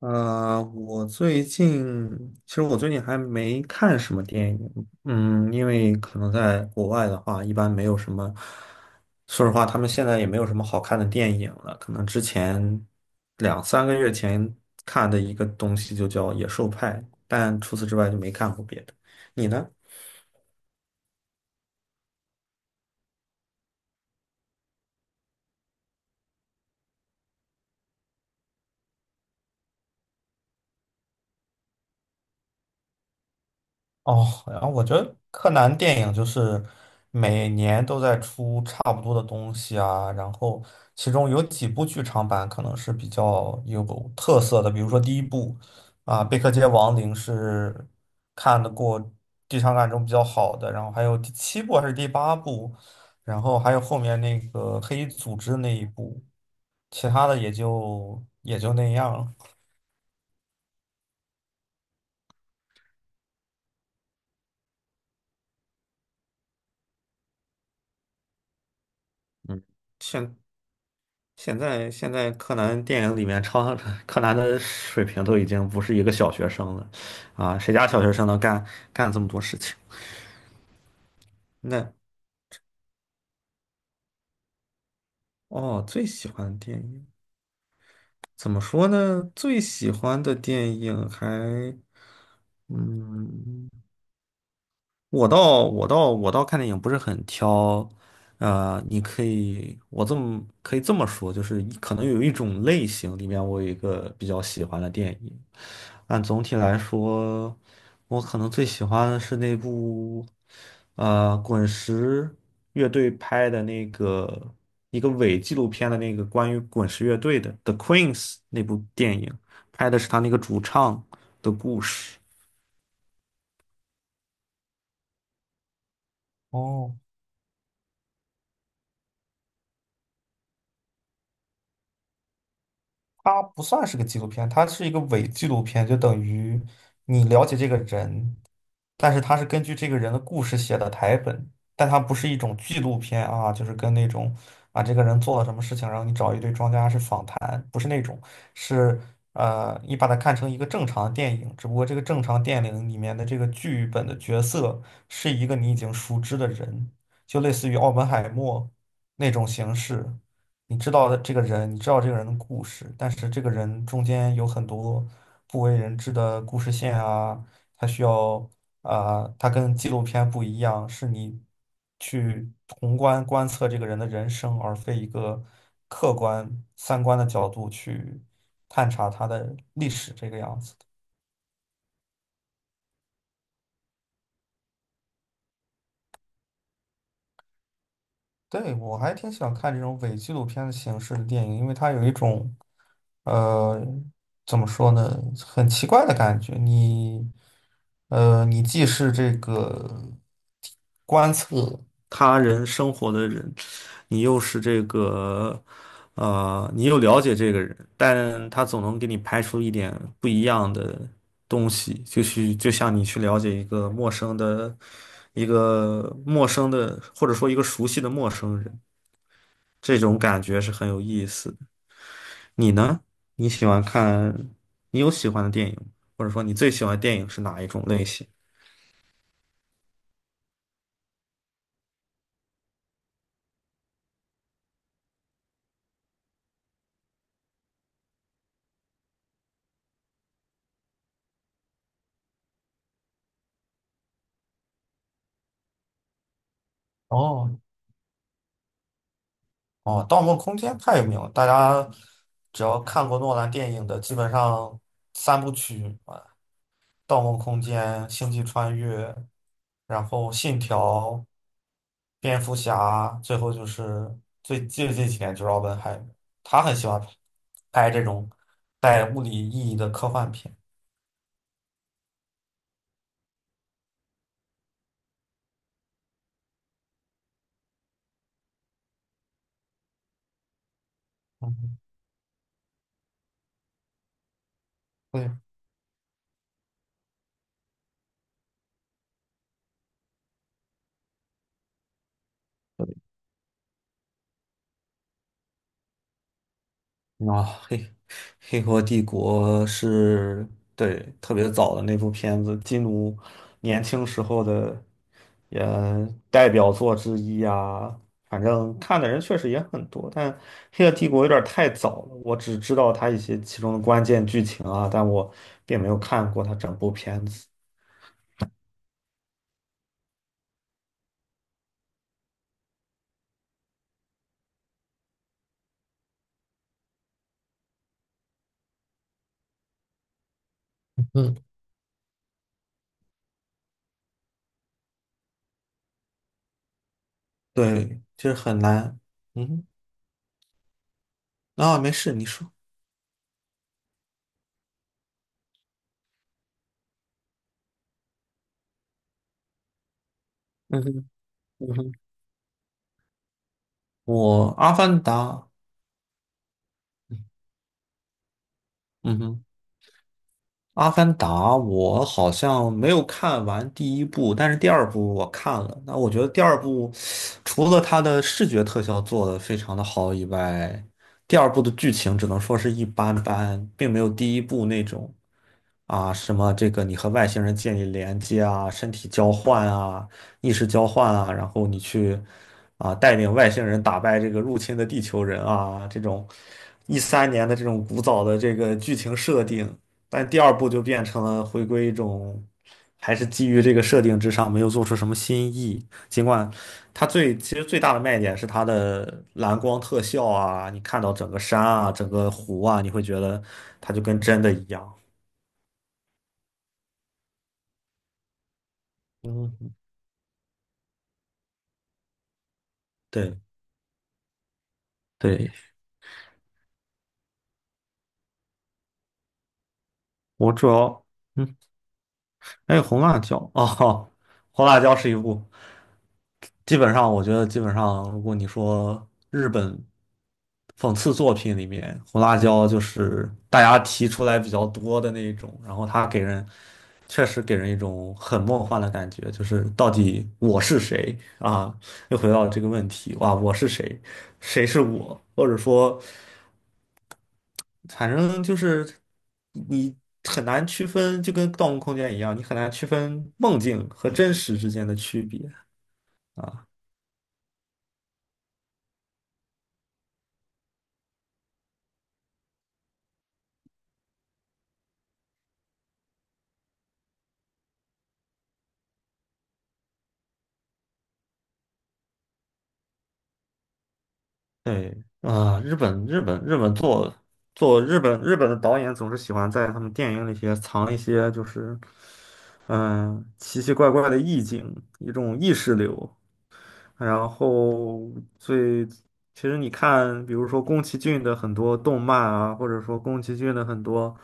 我最近其实我最近还没看什么电影，因为可能在国外的话，一般没有什么，说实话，他们现在也没有什么好看的电影了。可能之前两三个月前看的一个东西就叫《野兽派》，但除此之外就没看过别的。你呢？哦，然后我觉得柯南电影就是每年都在出差不多的东西啊，然后其中有几部剧场版可能是比较有特色的，比如说第一部啊，《贝克街亡灵》是看得过剧场版中比较好的，然后还有第七部还是第八部，然后还有后面那个黑衣组织那一部，其他的也就那样了。嗯，现现在柯南电影里面超 柯南的水平都已经不是一个小学生了，啊，谁家小学生能干这么多事情？那哦，最喜欢的电影怎么说呢？最喜欢的电影嗯。我倒看电影不是很挑，你可以我可以这么说，就是可能有一种类型里面我有一个比较喜欢的电影，但总体来说，我可能最喜欢的是那部，滚石乐队拍的那个一个伪纪录片的那个关于滚石乐队的《The Queens》那部电影，拍的是他那个主唱的故事。哦。它不算是个纪录片，它是一个伪纪录片，就等于你了解这个人，但是它是根据这个人的故事写的台本，但它不是一种纪录片啊，就是跟那种啊这个人做了什么事情，然后你找一堆专家是访谈，不是那种，是你把它看成一个正常的电影，只不过这个正常电影里面的这个剧本的角色是一个你已经熟知的人，就类似于奥本海默那种形式。你知道的这个人，你知道这个人的故事，但是这个人中间有很多不为人知的故事线啊，他需要啊、呃他跟纪录片不一样，是你去宏观观测这个人的人生，而非一个客观三观的角度去探查他的历史这个样子。对，我还挺喜欢看这种伪纪录片的形式的电影，因为它有一种，呃，怎么说呢，很奇怪的感觉。你既是这个观测他人生活的人，你又是这个。啊，你又了解这个人，但他总能给你拍出一点不一样的东西，就是就像你去了解一个陌生的，或者说一个熟悉的陌生人，这种感觉是很有意思的。你呢？你喜欢看，你有喜欢的电影吗？或者说你最喜欢的电影是哪一种类型？哦哦，《盗梦空间》太有名了，大家只要看过诺兰电影的，基本上三部曲《盗梦空间》《星际穿越》，然后《信条》蝙蝠侠，最后就是最近几年就是奥本海默，他很喜欢拍这种带物理意义的科幻片。嗯，对，啊，黑河帝国对，特别早的那部片子，基努年轻时候的也代表作之一啊。反正看的人确实也很多，但黑河帝国有点太早了，我只知道它一些其中的关键剧情啊，但我并没有看过它整部片子。嗯，对，就是很难。嗯哼啊，没事，你说。嗯哼嗯哼。我《阿凡达》，嗯哼。《阿凡达》我好像没有看完第一部，但是第二部我看了。那我觉得第二部除了它的视觉特效做得非常的好以外，第二部的剧情只能说是一般般，并没有第一部那种啊什么这个你和外星人建立连接啊、身体交换啊、意识交换啊，然后你去啊带领外星人打败这个入侵的地球人啊这种2013年的这种古早的这个剧情设定。但第二部就变成了回归一种，还是基于这个设定之上，没有做出什么新意。尽管它其实最大的卖点是它的蓝光特效啊，你看到整个山啊、整个湖啊，你会觉得它就跟真的一样。嗯，对对，我主要。嗯。还有红辣椒哦，红辣椒是一部，基本上我觉得基本上，如果你说日本讽刺作品里面，红辣椒就是大家提出来比较多的那一种，然后它确实给人一种很梦幻的感觉，就是到底我是谁啊？又回到这个问题，哇，我是谁？谁是我？或者说。反正就是你很难区分，就跟《盗梦空间》一样，你很难区分梦境和真实之间的区别啊。对啊，日本做日本的导演总是喜欢在他们电影里藏一些就是奇奇怪怪的意境，一种意识流，然后最，其实你看，比如说宫崎骏的很多动漫啊，或者说宫崎骏的很多，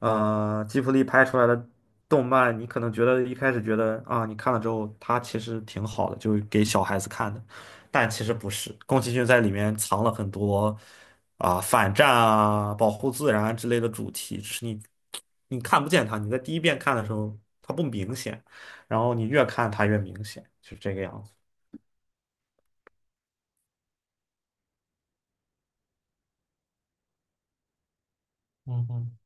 吉卜力拍出来的动漫，你可能一开始觉得啊，你看了之后，它其实挺好的，就是给小孩子看的，但其实不是，宫崎骏在里面藏了很多啊、反战啊、保护自然之类的主题，只是你看不见它，你在第一遍看的时候它不明显，然后你越看它越明显，就是这个样子。嗯嗯。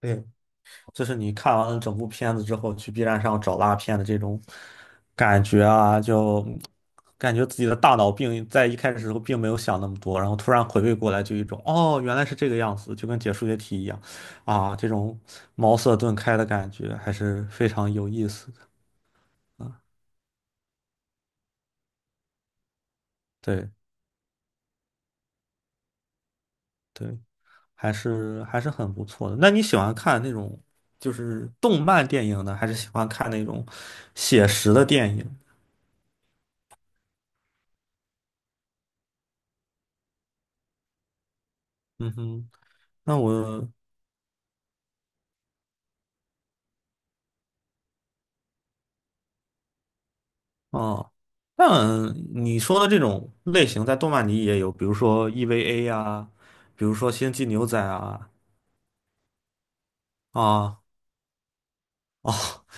对，就是你看完了整部片子之后，去 B 站上找烂片的这种感觉啊，就感觉自己的大脑在一开始的时候并没有想那么多，然后突然回味过来，就一种哦，原来是这个样子，就跟解数学题一样啊，这种茅塞顿开的感觉还是非常有意思的啊。对对，还是很不错的。那你喜欢看那种就是动漫电影呢，还是喜欢看那种写实的电影？嗯哼。那我哦，但你说的这种类型在动漫里也有，比如说 EVA 啊，比如说《星际牛仔》啊，啊哦，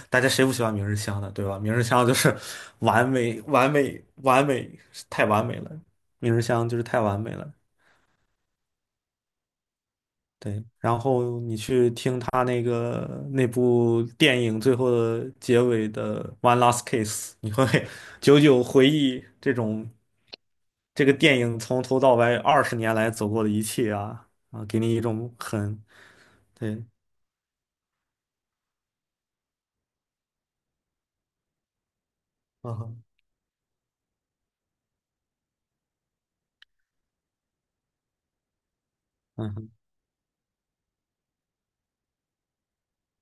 大家谁不喜欢明日香的，对吧？明日香就是完美、完美、完美，太完美了，明日香就是太完美了。对，然后你去听他那个那部电影最后的结尾的《One Last Kiss》，你会 久久回忆这个电影从头到尾20年来走过的一切啊啊，给你一种很，对，嗯哼，嗯哼，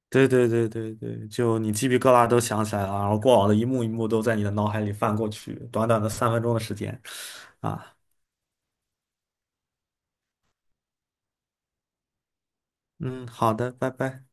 对对对对对，就你鸡皮疙瘩都想起来了，然后过往的一幕一幕都在你的脑海里翻过去，短短的3分钟的时间啊，嗯，好的，拜拜。